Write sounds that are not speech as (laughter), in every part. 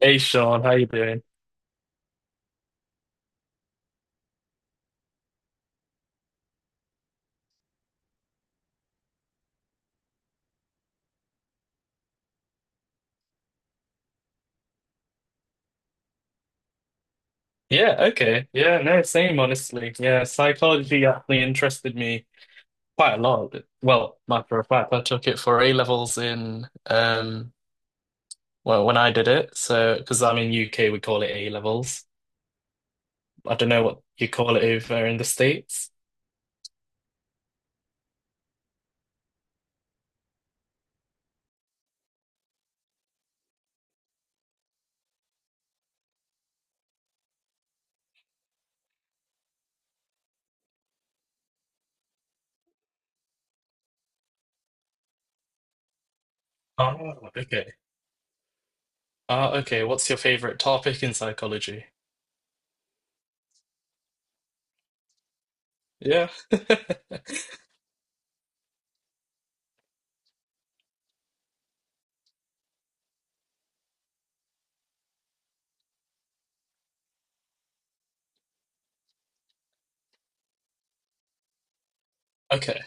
Hey Sean, how you doing? Yeah, okay. Yeah, no, same honestly. Yeah, psychology actually interested me quite a lot. Well, matter of fact, I took it for A levels in well when I did it. So because I'm in UK we call it A levels. I don't know what you call it over in the States. Oh, okay. Ah, okay. What's your favorite topic in psychology? Yeah. (laughs) Okay.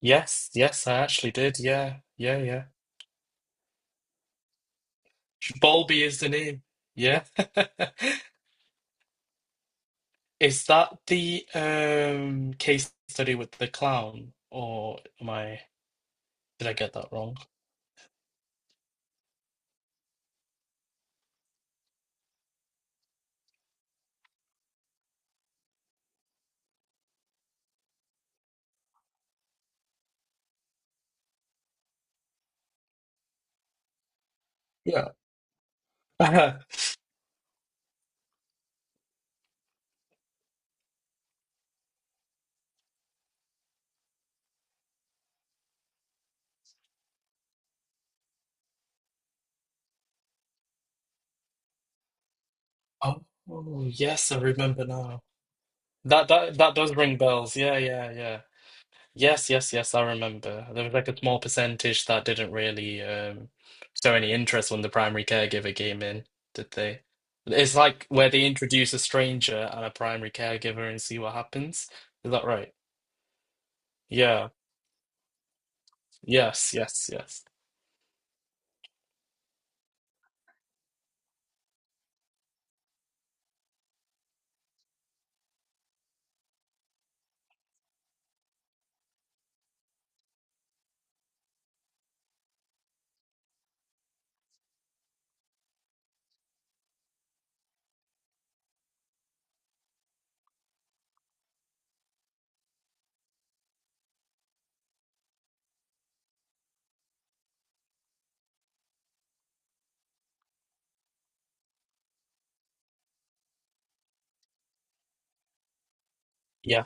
Yes, yes, I actually did. Yeah, yeah, yeah. Bowlby is the name. Yeah. (laughs) Is that the case study with the clown, or did I get that wrong? Yeah. (laughs) Oh, yes, I remember now. That does ring bells. Yeah, yeah, yeah. Yes, yes, yes, I remember. There was like a small percentage that didn't really show any interest when the primary caregiver came in, did they? It's like where they introduce a stranger and a primary caregiver and see what happens. Is that right? Yeah. Yes, yes, yes. Yeah.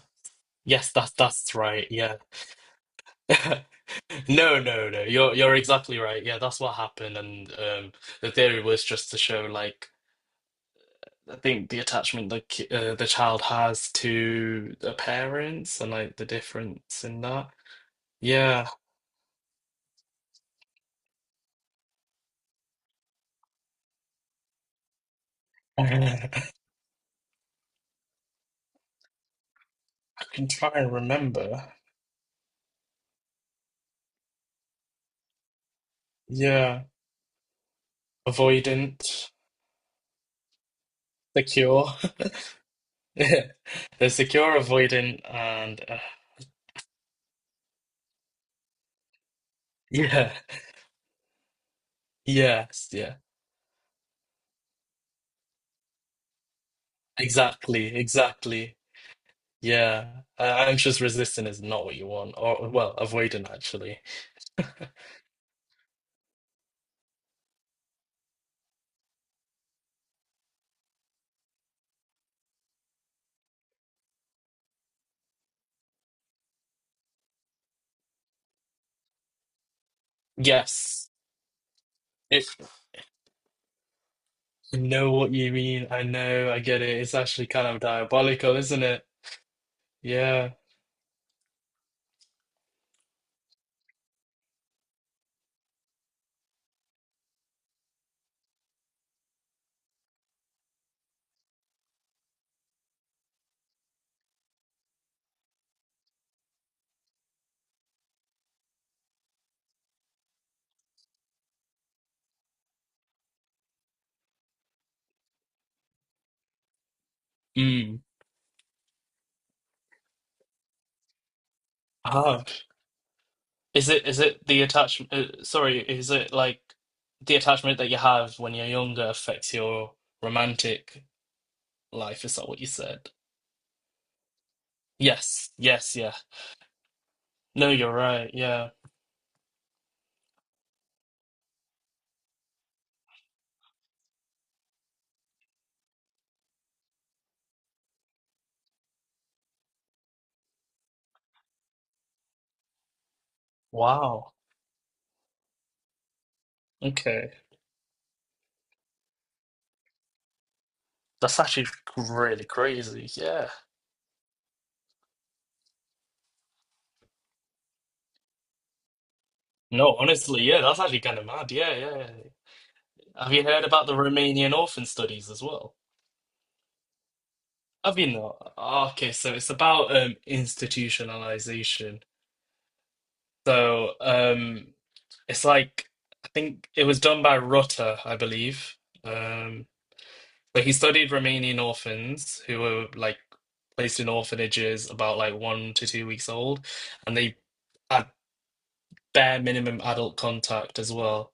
Yes, that's right. Yeah. (laughs) No, no, no. You're exactly right. Yeah, that's what happened, and the theory was just to show, like, I think the attachment the child has to the parents and like the difference in that. Yeah, (laughs) I can try and remember. Yeah, avoidant, secure. (laughs) They're secure, avoidant, and. (laughs) Yeah, yes, yeah, exactly, exactly. Yeah, anxious resistant is not what you want, or well, avoidant actually. (laughs) Yes, it, I know what you mean. I know, I get it. It's actually kind of diabolical, isn't it? Yeah. Mm. Ah, is it the attachment? Sorry, is it like the attachment that you have when you're younger affects your romantic life? Is that what you said? Yes, yes, yeah. No, you're right. Yeah. Wow. Okay. That's actually really crazy. Yeah. No, honestly, yeah, that's actually kind of mad. Yeah, yeah. Have you heard about the Romanian orphan studies as well? Have you not? Oh, okay, so it's about institutionalization. So it's like I think it was done by Rutter, I believe. Um so he studied Romanian orphans who were like placed in orphanages about like 1 to 2 weeks old, and they had bare minimum adult contact as well.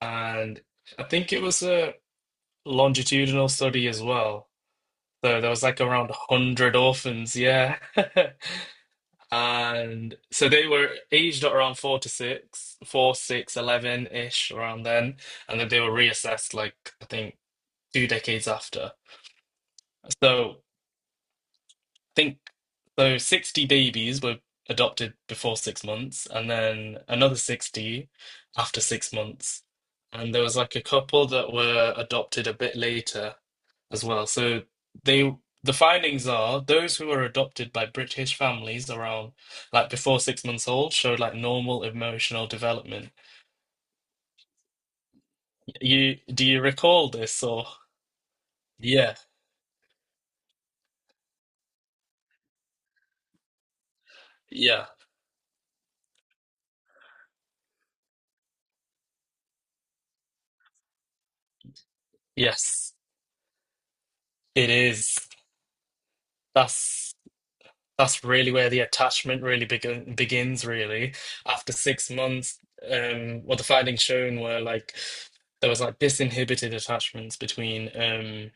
And I think it was a longitudinal study as well. So there was like around 100 orphans, yeah. (laughs) And so they were aged at around 4 to 6, four, six, 11 6, 11-ish around then. And then they were reassessed, like, I think, 2 decades after. So I think so 60 babies were adopted before 6 months, and then another 60 after 6 months. And there was like a couple that were adopted a bit later as well. So they the findings are those who were adopted by British families around, like, before 6 months old showed like normal emotional development. You Do you recall this, or yeah, yeah, yes, it is. That's that's really where the attachment really begins really. After 6 months, what the findings shown were like there was like disinhibited attachments between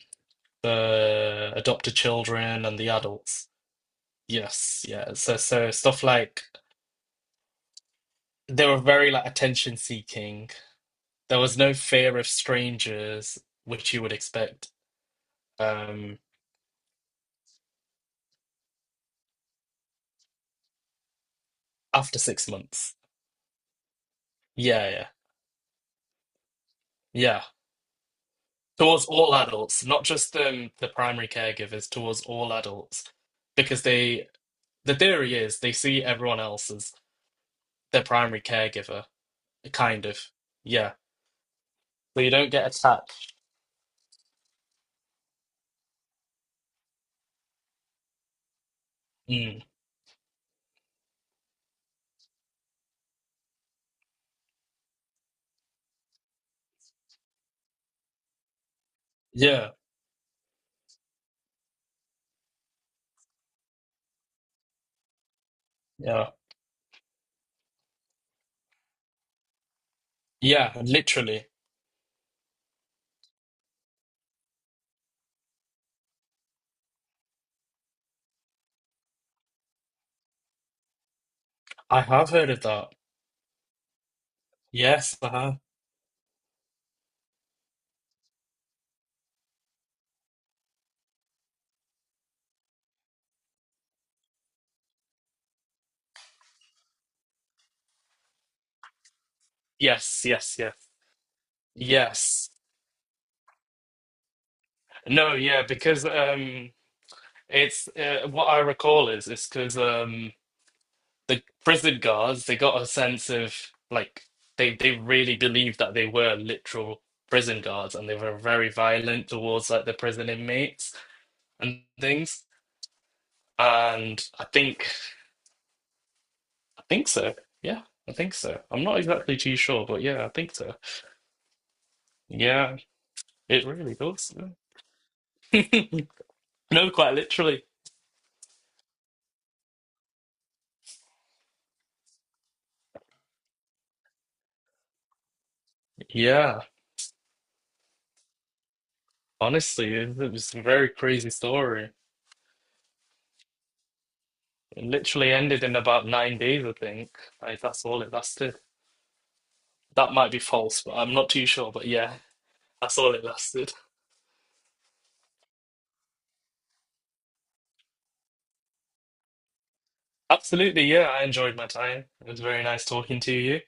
the adopted children and the adults. Yes, yeah. So stuff like they were very like attention seeking. There was no fear of strangers, which you would expect um after 6 months. Yeah, yeah, yeah. Towards all adults, not just the primary caregivers, towards all adults, because the theory is they see everyone else as their primary caregiver, kind of. Yeah. So you don't get attached. Mm. Yeah, yeah, yeah. Literally, I have heard of that. Yes, I have. Yes, yes, yes, yes. No, yeah, because it's what I recall is because the prison guards they got a sense of, like, they really believed that they were literal prison guards and they were very violent towards like the prison inmates and things. And I think so. Yeah, I think so. I'm not exactly too sure, but yeah, I think so. Yeah, it really does. No, quite literally. Yeah. Honestly, it was a very crazy story. It literally ended in about 9 days, I think. Like that's all it lasted. That might be false, but I'm not too sure. But yeah, that's all it lasted. Absolutely, yeah, I enjoyed my time. It was very nice talking to you.